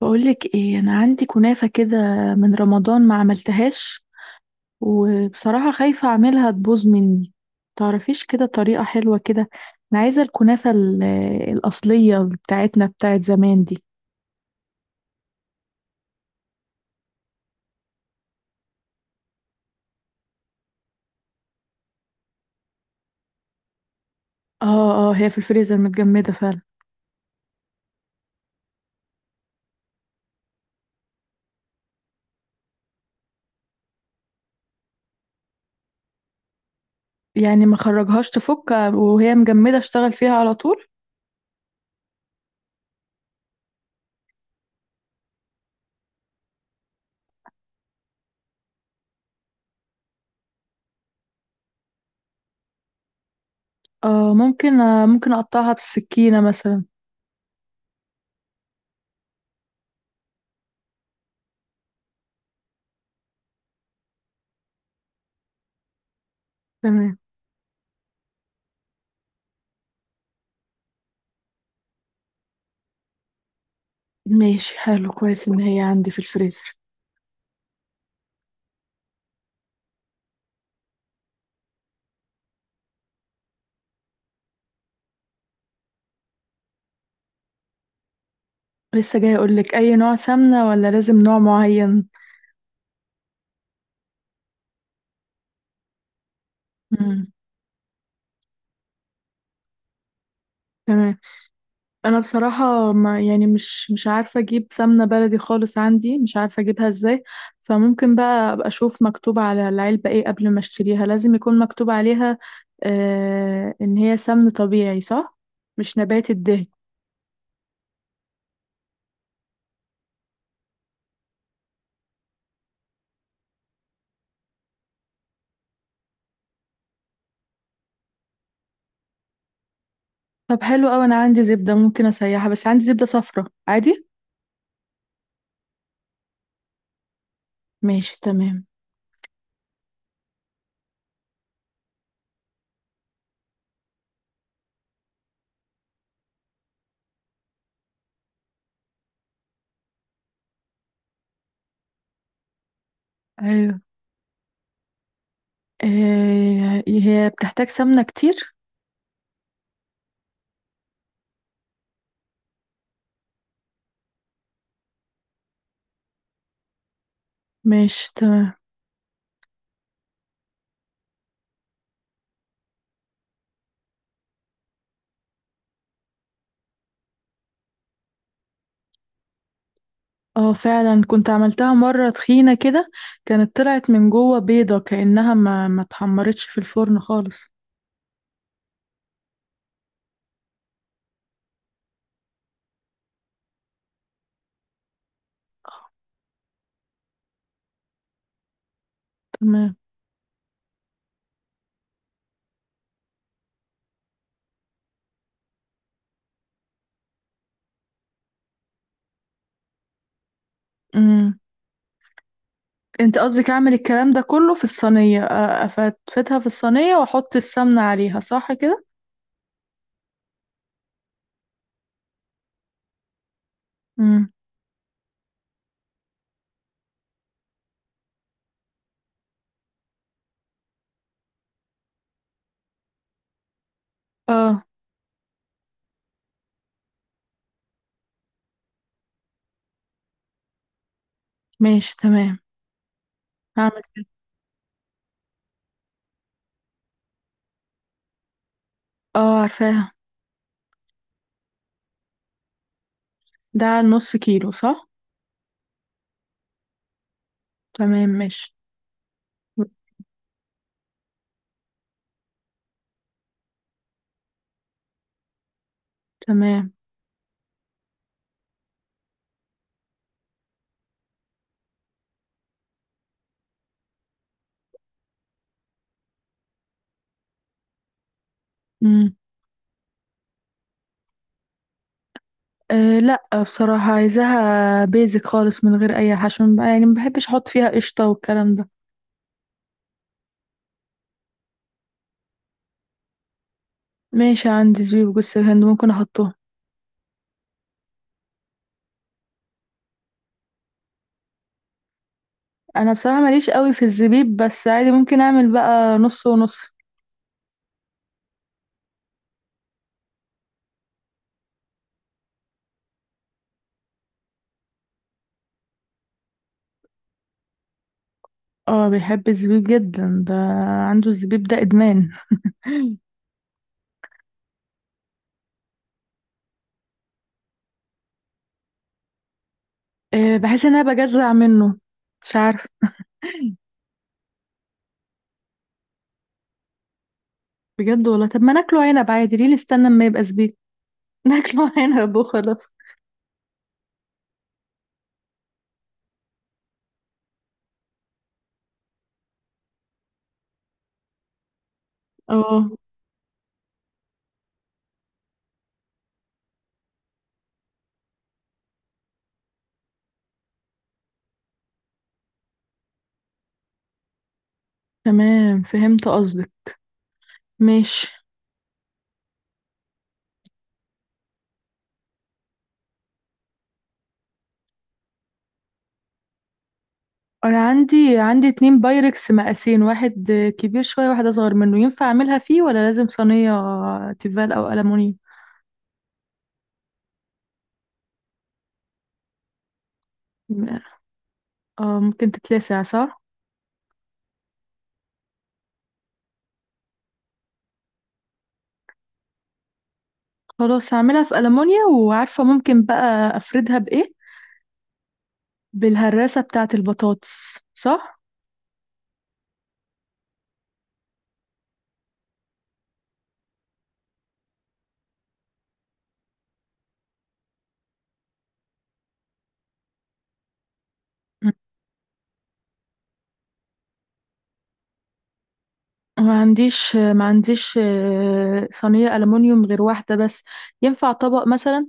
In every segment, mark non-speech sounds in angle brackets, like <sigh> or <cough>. بقولك ايه؟ انا عندي كنافة كده من رمضان ما عملتهاش، وبصراحة خايفة اعملها تبوظ مني. تعرفيش كده طريقة حلوة كده؟ انا عايزة الكنافة الأصلية بتاعتنا بتاعت زمان دي. اه اه، هي في الفريزر متجمدة فعلا. يعني ما خرجهاش، تفك وهي مجمدة اشتغل فيها على طول؟ اه ممكن، اقطعها بالسكينة مثلا. تمام. ماشي، حلو، كويس ان هي عندي في الفريزر. لسه جاي اقولك، اي نوع سمنة ولا لازم نوع معين؟ تمام. انا بصراحه، ما يعني، مش عارفه اجيب سمنه بلدي خالص، عندي مش عارفه اجيبها ازاي. فممكن بقى ابقى اشوف مكتوب على العلبه ايه قبل ما اشتريها، لازم يكون مكتوب عليها آه ان هي سمن طبيعي، صح؟ مش نبات الدهن. طب حلو قوي، انا عندي زبده ممكن اسيحها، بس عندي زبده صفرا، عادي؟ ماشي تمام. ايوه. آه، هي بتحتاج سمنه كتير. ماشي تمام. اه فعلا، كنت عملتها مرة تخينة كده، كانت طلعت من جوه بيضة كأنها ما اتحمرتش في الفرن خالص. تمام. امم، انت قصدك اعمل الكلام ده كله في الصينية؟ افتفتها في الصينية واحط السمنة عليها، صح كده؟ امم. اه. ماشي تمام. هعمل كده. اه، عارفاها. ده على نص كيلو، صح؟ تمام ماشي. تمام. امم. أه لا، بصراحة عايزاها بيزك خالص من غير اي حشو، يعني ما بحبش احط فيها قشطة والكلام ده. ماشي، عندي زبيب وجوز الهند، ممكن احطهم. انا بصراحه ماليش قوي في الزبيب، بس عادي ممكن اعمل بقى نص ونص. اه بيحب الزبيب جدا ده، عنده الزبيب ده ادمان. <laughs> بحس ان انا بجزع منه، مش عارف. بجد والله؟ طب ما ناكله عنب عادي، ليه نستنى اما يبقى زبيب؟ <laughs> ناكله عنب وخلاص. اه. تمام فهمت قصدك. ماشي. انا عندي اتنين بايركس مقاسين، واحد كبير شويه واحد اصغر منه، ينفع اعملها فيه ولا لازم صينيه تيفال او ألمونيا؟ اه ممكن تتلسع، صح؟ خلاص، هعملها في ألمونيا. وعارفة ممكن بقى أفردها بإيه؟ بالهراسة بتاعة البطاطس، صح؟ م. ما عنديش صينية ألمونيوم غير واحدة بس. ينفع طبق مثلا؟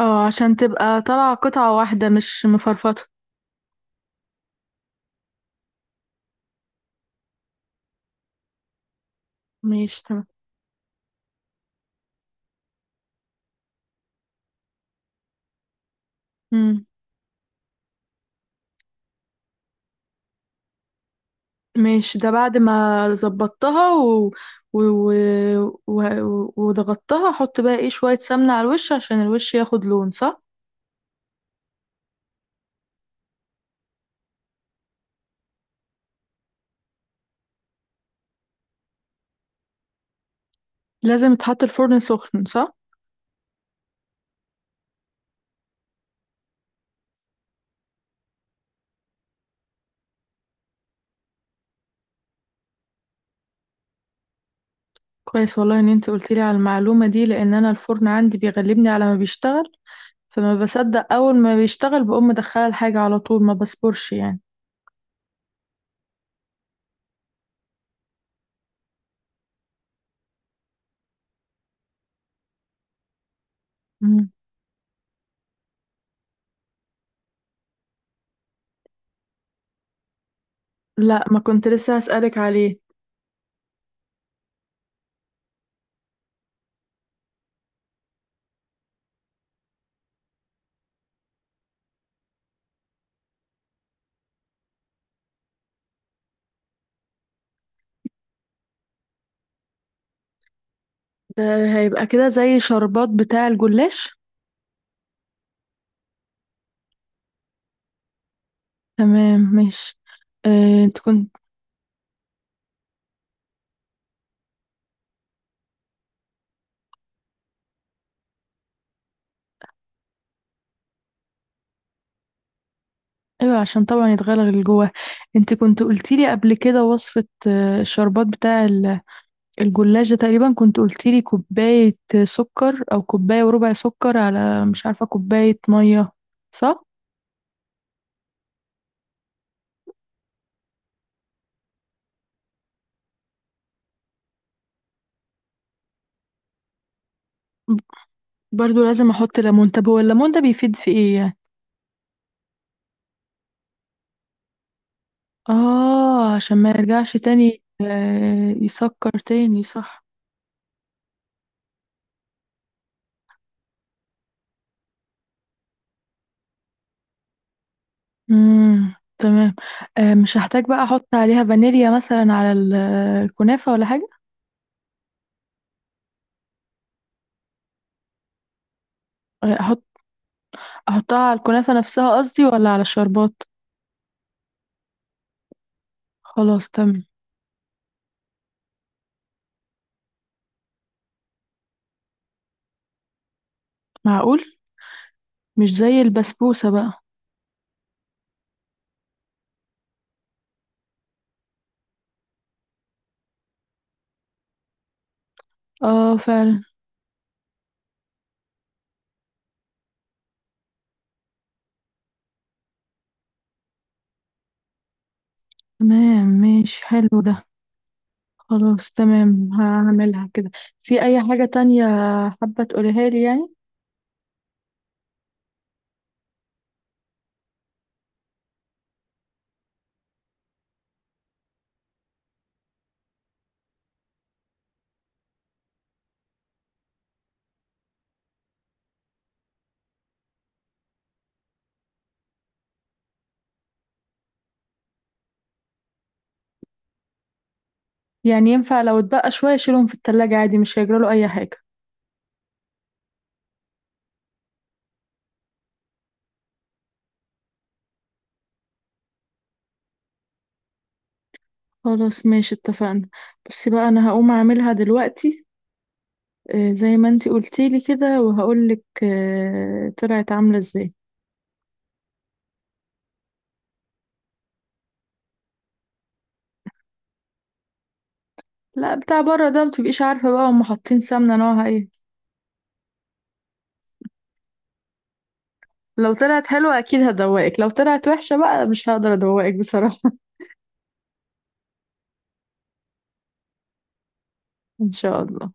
اه عشان تبقى طالعة قطعة واحدة مش مفرفطة. ماشي تمام. مم. ماشي، ده بعد ما ظبطتها وضغطتها، احط بقى ايه؟ شوية سمنة على الوش عشان الوش ياخد لون، صح؟ لازم يتحط الفرن سخن، صح؟ كويس والله ان انت قلت لي على المعلومه دي، لان انا الفرن عندي بيغلبني على ما بيشتغل، فما بصدق اول ما بيشتغل بقوم مدخله الحاجه على طول، ما بصبرش يعني. مم. لا، ما كنت لسه هسألك عليه. ده هيبقى كده زي شربات بتاع الجلاش. تمام ماشي. آه، انت كنت ايوه عشان طبعا يتغلغل جواه. انت كنت قلتي لي قبل كده وصفه، الشربات بتاع الجلاش ده، تقريبا كنت قلتيلي كوباية سكر أو كوباية وربع سكر على، مش عارفة، كوباية مية، صح؟ برضو لازم أحط ليمون؟ طب هو الليمون ده بيفيد في إيه يعني؟ آه عشان ما يرجعش تاني آه يسكر تاني، صح؟ مم. تمام. آه، مش هحتاج بقى أحط عليها فانيليا مثلا على الكنافة، ولا حاجة؟ آه، أحط أحطها على الكنافة نفسها قصدي ولا على الشربات؟ خلاص تمام. معقول؟ مش زي البسبوسة بقى. اه فعلا. تمام ماشي، حلو ده. خلاص تمام، هعملها كده. في اي حاجة تانية حابة تقوليها لي يعني؟ يعني ينفع لو اتبقى شوية اشيلهم في التلاجة عادي، مش هيجراله اي حاجة؟ خلاص ماشي، اتفقنا. بصي بقى، انا هقوم اعملها دلوقتي، زي ما انتي قلتيلي كده، وهقولك طلعت عاملة ازاي. لا، بتاع بره ده متبقيش عارفة بقى هم حاطين سمنة نوعها ايه. لو طلعت حلوة اكيد هدوقك، لو طلعت وحشة بقى مش هقدر ادوقك بصراحة. <laughs> ان شاء الله.